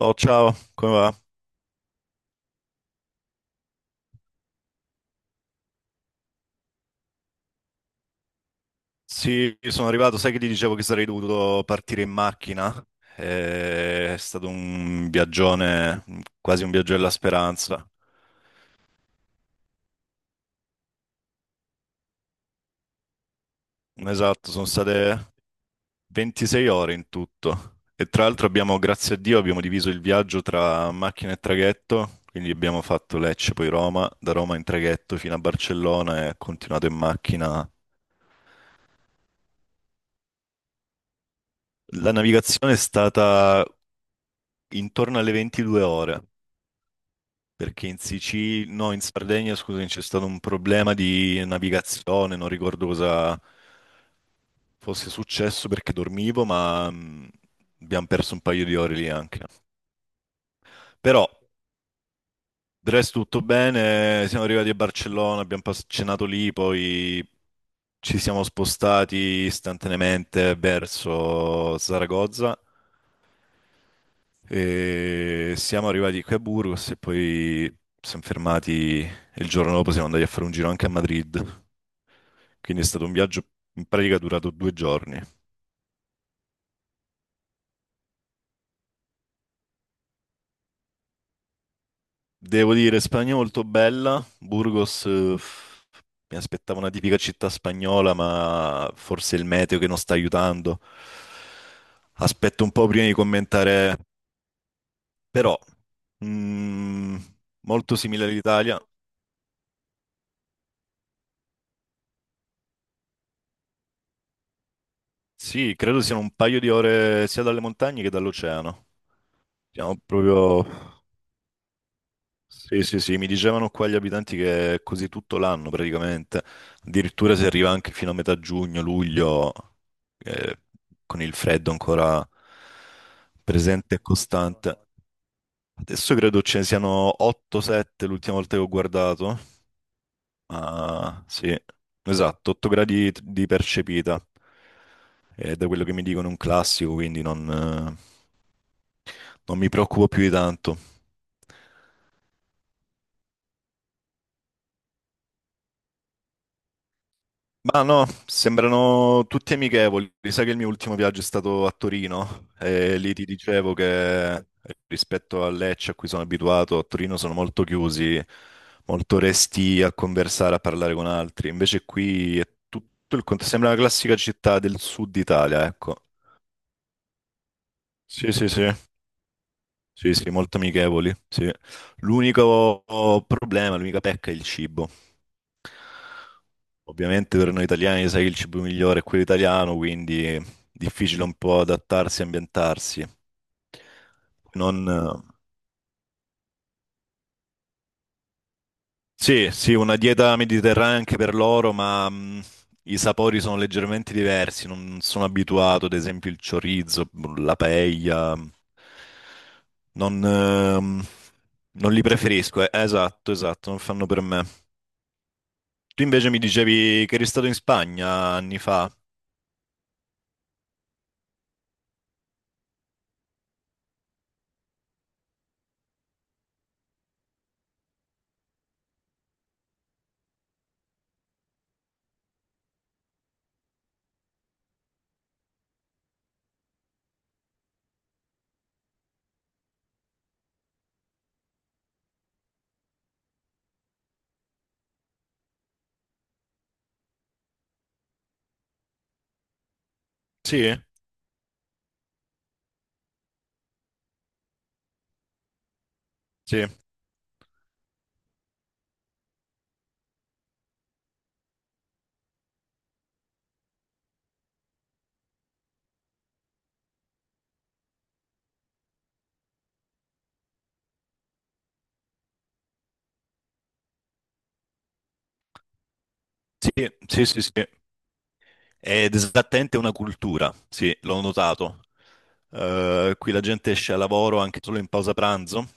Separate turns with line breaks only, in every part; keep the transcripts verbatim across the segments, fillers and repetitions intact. Oh, ciao, come va? Sì, sono arrivato, sai che ti dicevo che sarei dovuto partire in macchina? Eh, È stato un viaggione, quasi un viaggio della speranza. Esatto, sono state ventisei ore in tutto. E tra l'altro abbiamo, grazie a Dio, abbiamo diviso il viaggio tra macchina e traghetto, quindi abbiamo fatto Lecce, poi Roma, da Roma in traghetto fino a Barcellona e continuato in macchina. La navigazione è stata intorno alle ventidue ore. Perché in Sicilia, no, in Sardegna, scusami, c'è stato un problema di navigazione, non ricordo cosa fosse successo perché dormivo, ma mh, abbiamo perso un paio di ore lì anche. Però, del resto tutto bene, siamo arrivati a Barcellona, abbiamo pas- cenato lì, poi ci siamo spostati istantaneamente verso Saragozza. E siamo arrivati qui a Burgos e poi siamo fermati e il giorno dopo siamo andati a fare un giro anche a Madrid. Quindi è stato un viaggio in pratica durato due giorni. Devo dire, Spagna molto bella. Burgos, eh, mi aspettavo una tipica città spagnola, ma forse il meteo che non sta aiutando. Aspetto un po' prima di commentare, però, mm, molto simile all'Italia. Sì, credo siano un paio di ore sia dalle montagne che dall'oceano. Siamo proprio. Sì, sì, sì, mi dicevano qua gli abitanti che è così tutto l'anno praticamente, addirittura si arriva anche fino a metà giugno, luglio, eh, con il freddo ancora presente e costante. Adesso credo ce ne siano otto sette l'ultima volta che ho guardato, ma sì, esatto, otto gradi di percepita, è da quello che mi dicono è un classico, quindi non eh, non mi preoccupo più di tanto. Ma no, sembrano tutti amichevoli. Sai che il mio ultimo viaggio è stato a Torino e lì ti dicevo che rispetto a Lecce a cui sono abituato, a Torino sono molto chiusi, molto resti a conversare, a parlare con altri. Invece qui è tutto il contrario, sembra una classica città del sud Italia, ecco. Sì, sì, sì. Sì, sì, molto amichevoli, sì. L'unico problema, l'unica pecca è il cibo. Ovviamente per noi italiani sai che il cibo migliore è quello italiano, quindi è difficile un po' adattarsi e ambientarsi. Non- Sì, sì, una dieta mediterranea anche per loro, ma mh, i sapori sono leggermente diversi. Non sono abituato, ad esempio, il chorizo, la paella. Non, ehm, non li preferisco. eh. Esatto, esatto, non fanno per me. Tu invece mi dicevi che eri stato in Spagna anni fa. Sì, sì, sì, sì, sì, sì. Ed esattamente una cultura, sì, l'ho notato. Eh, qui la gente esce a lavoro anche solo in pausa pranzo,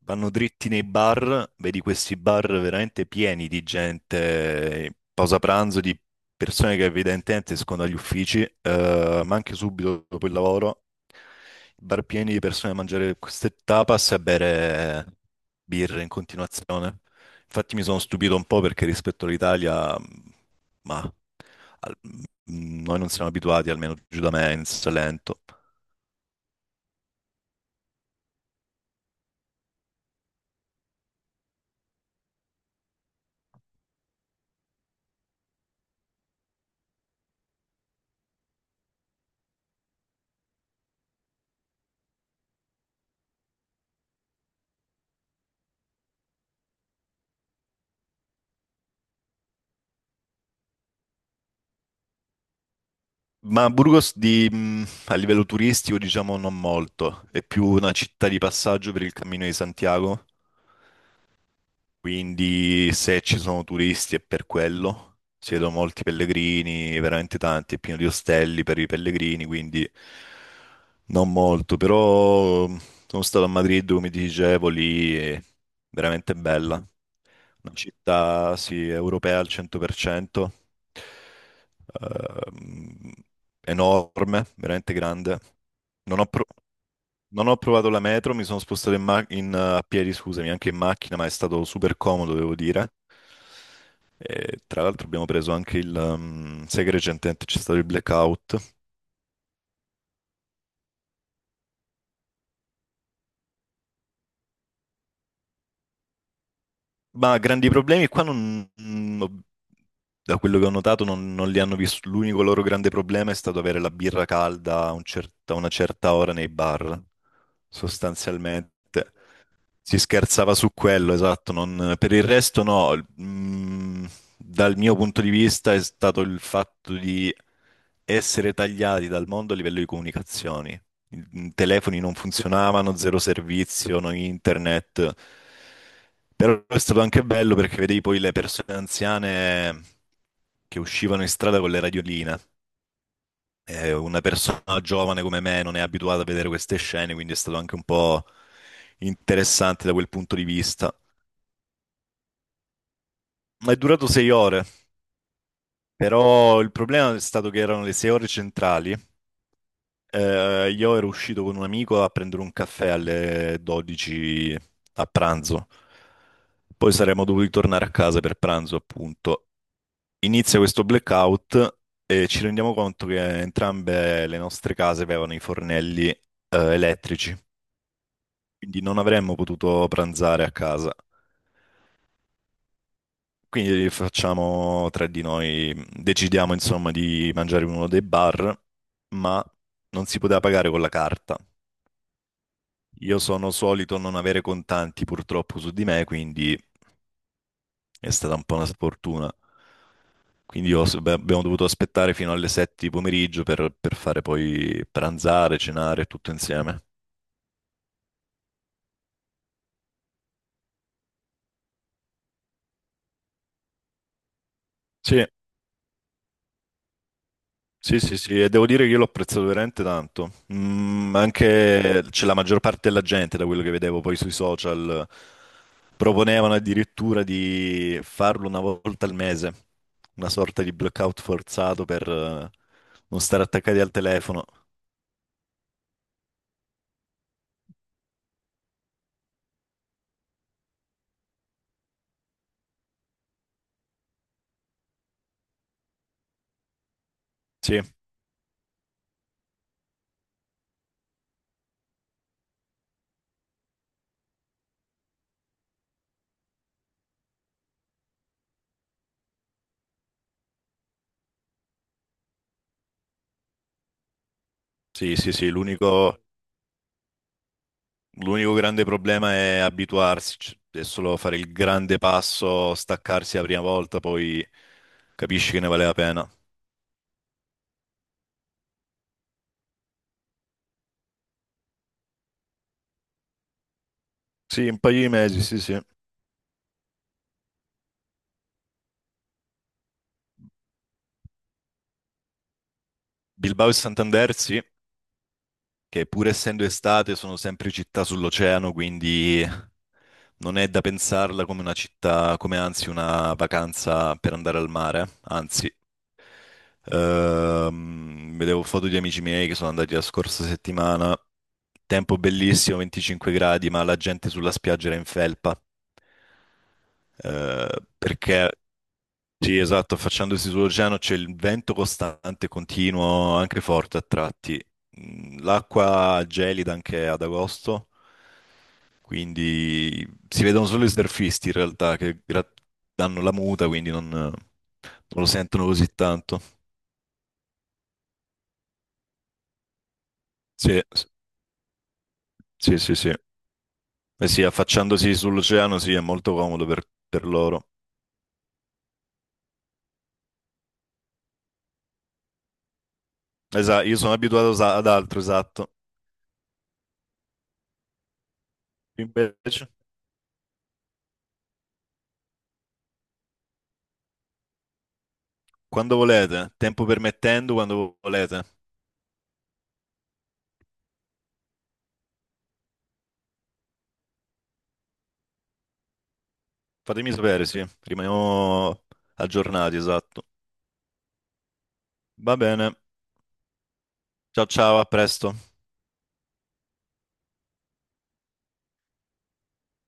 vanno dritti nei bar, vedi questi bar veramente pieni di gente in pausa pranzo, di persone che evidentemente escono dagli uffici, eh, ma anche subito dopo il lavoro, bar pieni di persone a mangiare queste tapas e a bere birre in continuazione. Infatti mi sono stupito un po' perché rispetto all'Italia, ma al- mh, noi non siamo abituati, almeno giù da me, in Salento. Ma Burgos di, mh, a livello turistico, diciamo, non molto. È più una città di passaggio per il Cammino di Santiago. Quindi se ci sono turisti è per quello, si vedono molti pellegrini, veramente tanti, è pieno di ostelli per i pellegrini, quindi non molto, però sono stato a Madrid, come ti dicevo, lì è veramente bella, una città sì, europea al cento per cento, ehm, enorme, veramente grande. Non ho, pro- non ho provato la metro, mi sono spostato in ma- in, eh, a piedi, scusami, anche in macchina, ma è stato super comodo, devo dire. E, tra l'altro abbiamo preso anche il... ehm, sai che recentemente c'è stato il blackout? Ma grandi problemi qua non... mm, ho- Da quello che ho notato non, non li hanno visto. L'unico loro grande problema è stato avere la birra calda a un cer- a una certa ora nei bar, sostanzialmente. Si scherzava su quello, esatto. Non- per il resto no. Il- mm, dal mio punto di vista è stato il fatto di essere tagliati dal mondo a livello di comunicazioni. I telefoni non funzionavano, zero servizio, no internet. Però è stato anche bello perché vedevi poi le persone anziane che uscivano in strada con le radioline. Eh, una persona giovane come me non è abituata a vedere queste scene, quindi è stato anche un po' interessante da quel punto di vista. Ma è durato sei ore, però il problema è stato che erano le sei ore centrali. Eh, io ero uscito con un amico a prendere un caffè alle dodici a pranzo. Poi saremmo dovuti tornare a casa per pranzo, appunto. Inizia questo blackout e ci rendiamo conto che entrambe le nostre case avevano i fornelli, eh, elettrici. Quindi non avremmo potuto pranzare a casa. Quindi facciamo tre di noi, decidiamo insomma di mangiare in uno dei bar, ma non si poteva pagare con la carta. Io sono solito non avere contanti purtroppo su di me, quindi è stata un po' una sfortuna. Quindi io- beh, abbiamo dovuto aspettare fino alle sette di pomeriggio per, per fare poi pranzare, cenare tutto insieme. Sì. Sì, sì, sì, e devo dire che io l'ho apprezzato veramente tanto. Mm, anche c'è la maggior parte della gente, da quello che vedevo poi sui social, proponevano addirittura di farlo una volta al mese, una sorta di blackout forzato per eh, non stare attaccati al telefono. Sì, sì, sì, sì, l'unico l'unico grande problema è abituarsi, c- è solo fare il grande passo, staccarsi la prima volta, poi capisci che ne vale la pena. Sì, un paio di mesi, sì, sì. Bilbao e Santander, sì, che pur essendo estate sono sempre città sull'oceano, quindi non è da pensarla come una città, come anzi una vacanza per andare al mare, anzi. Ehm, vedevo foto di amici miei che sono andati la scorsa settimana. Tempo bellissimo, venticinque gradi, ma la gente sulla spiaggia era in felpa. Eh, perché Sì, esatto, affacciandosi sull'oceano c'è il vento costante, continuo, anche forte a tratti. Mm, L'acqua gelida anche ad agosto, quindi si vedono solo i surfisti in realtà che gra- danno la muta, quindi non, non lo sentono così tanto. Sì, s- sì, sì, sì. Eh sì, affacciandosi sull'oceano sì, è molto comodo per, per loro. Esatto, io sono abituato sa- ad altro, esatto. Invece, quando volete, tempo permettendo, quando volete. Fatemi sapere, sì, rimaniamo aggiornati, esatto. Va bene. Ciao ciao, a presto.